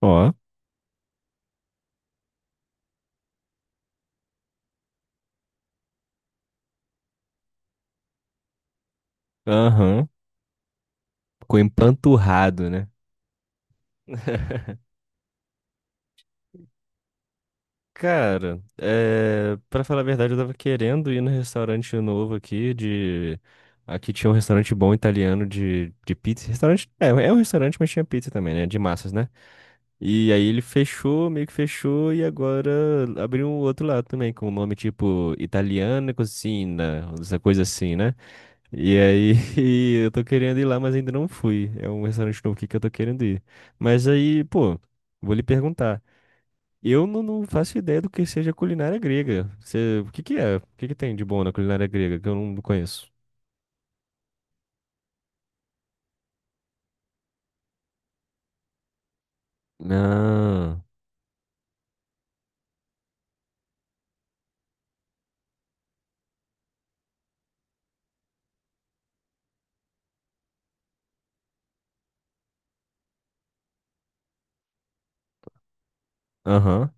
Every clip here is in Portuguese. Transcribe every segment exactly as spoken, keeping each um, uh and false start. Ó, aham. Ficou empanturrado, né? Cara, é... pra falar a verdade, eu tava querendo ir no restaurante novo aqui de... Aqui tinha um restaurante bom italiano de, de pizza. Restaurante... É, é um restaurante, mas tinha pizza também, né? De massas, né? E aí ele fechou, meio que fechou, e agora abriu um outro lado também, com o nome tipo Italiana Cucina, essa coisa assim, né? E aí, eu tô querendo ir lá, mas ainda não fui. É um restaurante novo aqui que eu tô querendo ir. Mas aí, pô, vou lhe perguntar. Eu não, não faço ideia do que seja culinária grega. Você, o que que é? O que que tem de bom na culinária grega que eu não conheço? Ah, aham.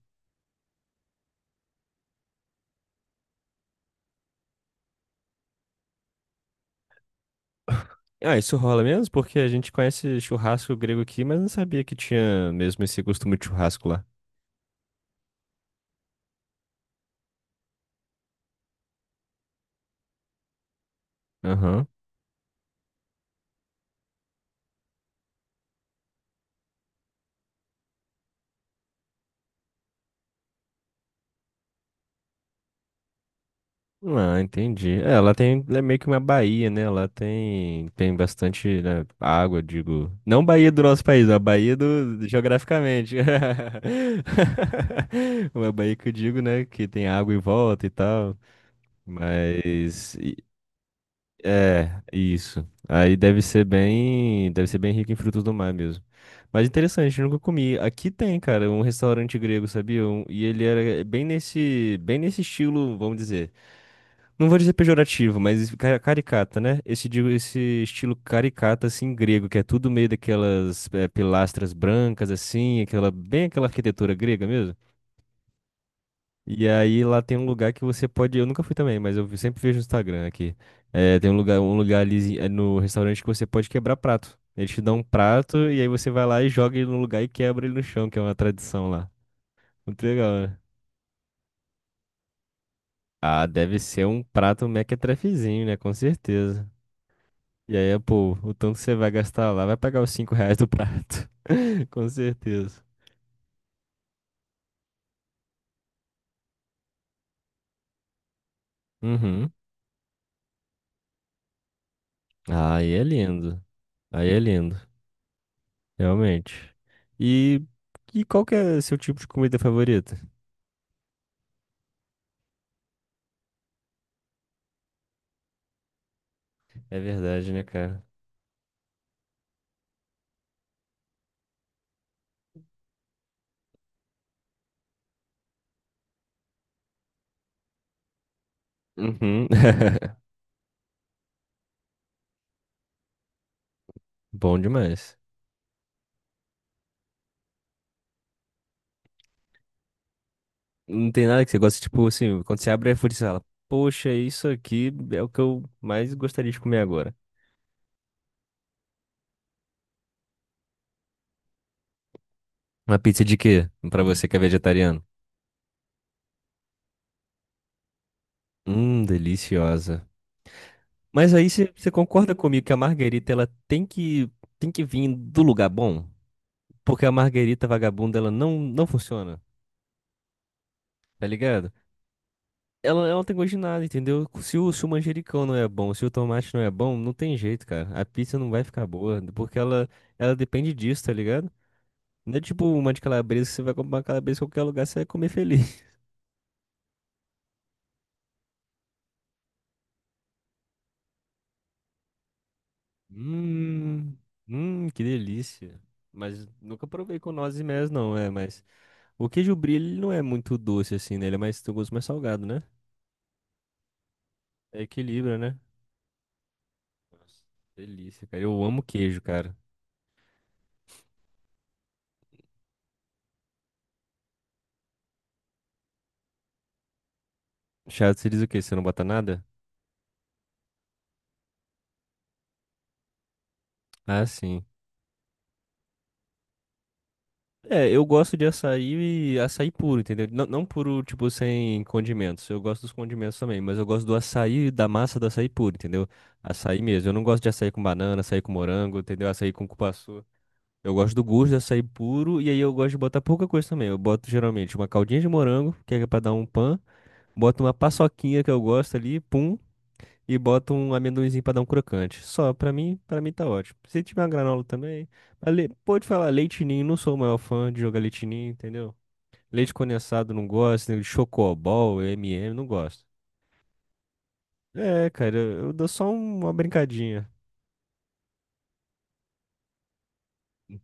Ah, isso rola mesmo? Porque a gente conhece churrasco grego aqui, mas não sabia que tinha mesmo esse costume de churrasco lá. Aham. Ah, entendi. É, ela tem, ela é meio que uma baía, né? Ela tem, tem bastante, né, água, digo. Não Bahia do nosso país, é a Bahia do, geograficamente. Uma baía que eu digo, né? Que tem água em volta e tal. Mas, e- é, isso. Aí deve ser bem, deve ser bem rico em frutos do mar mesmo. Mas interessante, eu nunca comi. Aqui tem, cara, um restaurante grego, sabia? Um- e ele era bem nesse, bem nesse estilo, vamos dizer. Não vou dizer pejorativo, mas ca- caricata, né? Esse, digo- esse estilo caricata, assim, grego, que é tudo meio daquelas eh, pilastras brancas, assim, aquela, bem aquela arquitetura grega mesmo. E aí lá tem um lugar que você pode. Eu nunca fui também, mas eu sempre vejo no Instagram aqui. Eh, tem um lugar, um lugar ali eh, no restaurante que você pode quebrar prato. Eles te dão um prato e aí você vai lá e joga ele no lugar e quebra ele no chão, que é uma tradição lá. Muito legal, né? Ah, deve ser um prato mequetrefezinho, né? Com certeza. E aí, pô, o tanto que você vai gastar lá vai pagar os cinco reais do prato. Com certeza. Uhum. Aí é lindo. Aí é lindo. Realmente. E, e qual que é seu tipo de comida favorita? É verdade, né, cara? Uhum. Bom demais. Não tem nada que você gosta, tipo assim, quando você abre a iFood, você fala, poxa, isso aqui é o que eu mais gostaria de comer agora. Uma pizza de quê? Pra você que é vegetariano. Hum, deliciosa. Mas aí você você concorda comigo que a Marguerita ela tem que tem que vir do lugar bom? Porque a Marguerita vagabunda ela não não funciona, tá ligado? Ela, ela não tem gosto de nada, entendeu? Se o, se o manjericão não é bom, se o tomate não é bom, não tem jeito, cara. A pizza não vai ficar boa, porque ela ela depende disso, tá ligado? Não é tipo uma de calabresa que você vai comprar uma calabresa em qualquer lugar, você vai comer feliz. Hum, hum, que delícia. Mas nunca provei com nozes e mel, não, é, mas o queijo brie, ele não é muito doce assim, né? Ele é mais, tem um gosto mais salgado, né? É equilibra, né? Nossa, delícia, cara. Eu amo queijo, cara. Chato, você diz o quê? Você não bota nada? Ah, sim. É, eu gosto de açaí e açaí puro, entendeu? Não, não puro, tipo, sem condimentos. Eu gosto dos condimentos também, mas eu gosto do açaí, da massa do açaí puro, entendeu? Açaí mesmo. Eu não gosto de açaí com banana, açaí com morango, entendeu? Açaí com cupuaçu. Eu gosto do gosto do açaí puro e aí eu gosto de botar pouca coisa também. Eu boto geralmente uma caldinha de morango, que é pra dar um pan. Boto uma paçoquinha que eu gosto ali, pum, e boto um amendoinzinho pra dar um crocante. Só, pra mim, para mim tá ótimo. Se tiver uma granola também, mas le- pode falar leite ninho, não sou o maior fã de jogar leite ninho, entendeu? Leite condensado não gosto, né, Chocobol, eme e eme, não gosto. É, cara, eu, eu dou só um- uma brincadinha.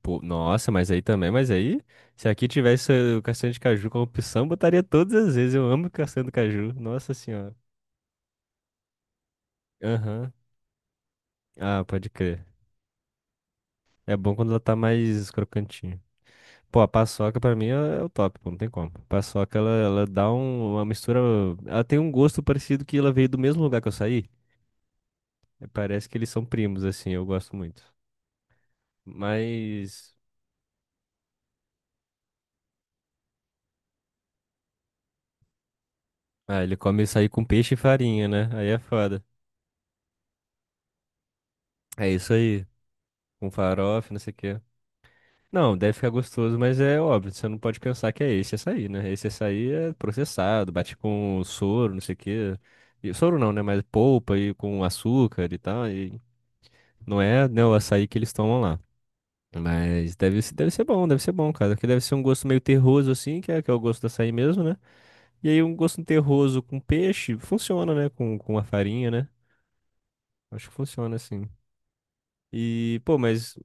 Pô, nossa, mas aí também, mas aí, se aqui tivesse eh, o castanho de caju como opção, botaria todas as vezes. Eu amo castanho do caju, nossa senhora. Aham. Ah, pode crer. É bom quando ela tá mais crocantinha. Pô, a paçoca pra mim é é o top, pô, não tem como. A paçoca, ela, ela dá um- uma mistura. Ela tem um gosto parecido que ela veio do mesmo lugar que eu saí. É, parece que eles são primos, assim, eu gosto muito. Mas. Ah, ele come isso aí com peixe e farinha, né? Aí é foda. É isso aí. Com farofa, não sei o quê. Não, deve ficar gostoso, mas é óbvio, você não pode pensar que é esse açaí, né? Esse açaí é processado, bate com soro, não sei o quê. E, soro não, né? Mas polpa e com açúcar e tal. E não é, né, o açaí que eles tomam lá. Mas deve, se- deve ser bom, deve ser bom, cara. Que deve ser um gosto meio terroso, assim, que é, que é o gosto do açaí mesmo, né? E aí um gosto terroso com peixe funciona, né? Com, com a farinha, né? Acho que funciona, assim. E, pô, mas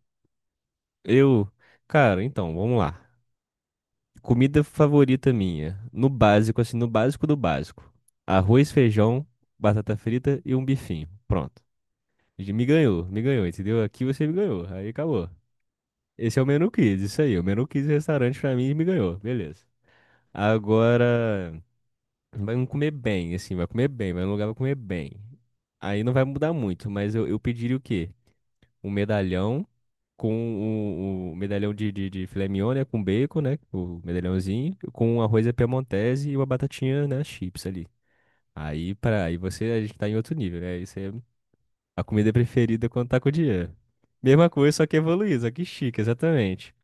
eu. Cara, então, vamos lá. Comida favorita minha. No básico, assim, no básico do básico. Arroz, feijão, batata frita e um bifinho. Pronto. E Me ganhou, me ganhou, entendeu? Aqui você me ganhou. Aí acabou. Esse é o menu kids, isso aí. O menu kids restaurante pra mim me ganhou. Beleza. Agora, vai comer bem, assim, vai comer bem, vai num lugar, vai comer bem. Aí não vai mudar muito, mas eu, eu pediria o quê? Um medalhão com o, o medalhão de, de, de filé mignon, né? Com bacon, né? O medalhãozinho, com um arroz à piemontese e uma batatinha, né? Chips ali. Aí, para aí você, a gente tá em outro nível, né? Isso é a comida preferida é quando tá com dinheiro. Mesma coisa, só que evoluído, só que chique, exatamente.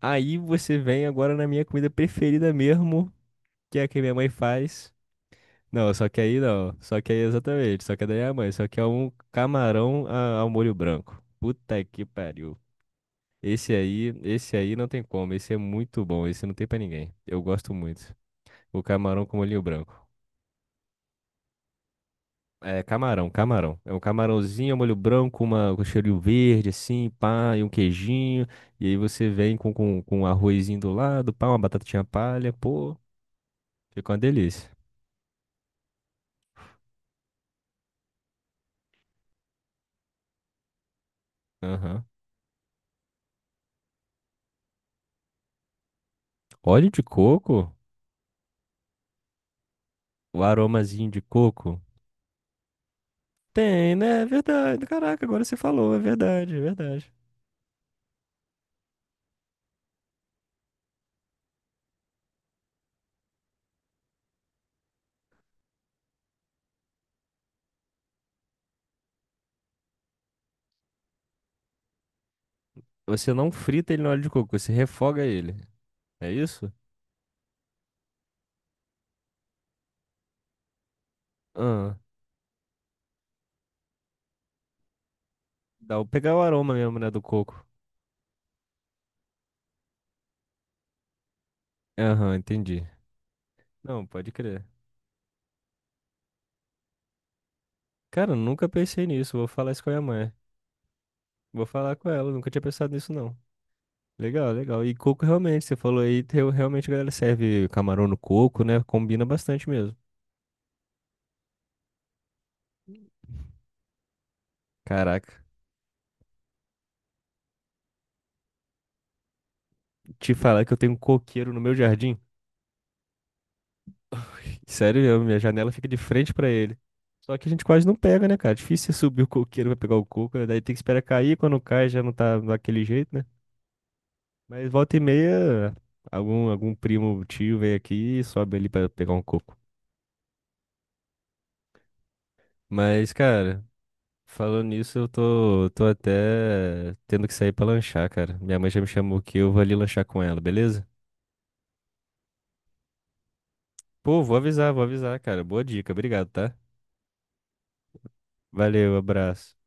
Aí você vem agora na minha comida preferida mesmo, que é a que minha mãe faz. Não, só que aí não. Só que aí exatamente. Só que daí é a mãe. Só que é um camarão a- ao molho branco. Puta que pariu. Esse aí, esse aí não tem como. Esse é muito bom. Esse não tem pra ninguém. Eu gosto muito. O camarão com molho branco. É camarão, camarão. É um camarãozinho, ao molho branco, uma, com cheirinho verde, assim, pá, e um queijinho. E aí você vem com, com, com um arrozinho do lado, pá, uma batatinha palha. Pô, fica uma delícia. Aham. Óleo de coco? O aromazinho de coco? Tem, né? É verdade. Caraca, agora você falou. É verdade, é verdade. Você não frita ele no óleo de coco, você refoga ele. É isso? Ah, dá o pegar o aroma mesmo, né, do coco. Aham, entendi. Não, pode crer. Cara, eu nunca pensei nisso. Vou falar isso com a minha mãe. Vou falar com ela, nunca tinha pensado nisso, não. Legal, legal. E coco realmente, você falou aí, teu- realmente a galera serve camarão no coco, né? Combina bastante mesmo. Caraca, te falar que eu tenho um coqueiro no meu jardim. Sério, mesmo, minha janela fica de frente pra ele. Só que a gente quase não pega, né, cara? Difícil você subir o coqueiro pra pegar o coco, né? Daí tem que esperar cair, quando cai já não tá daquele jeito, né? Mas volta e meia, algum, algum primo, tio vem aqui e sobe ali pra pegar um coco. Mas, cara, falando nisso, eu tô, tô até tendo que sair pra lanchar, cara. Minha mãe já me chamou aqui, eu vou ali lanchar com ela, beleza? Pô, vou avisar, vou avisar, cara. Boa dica, obrigado, tá? Valeu, abraço.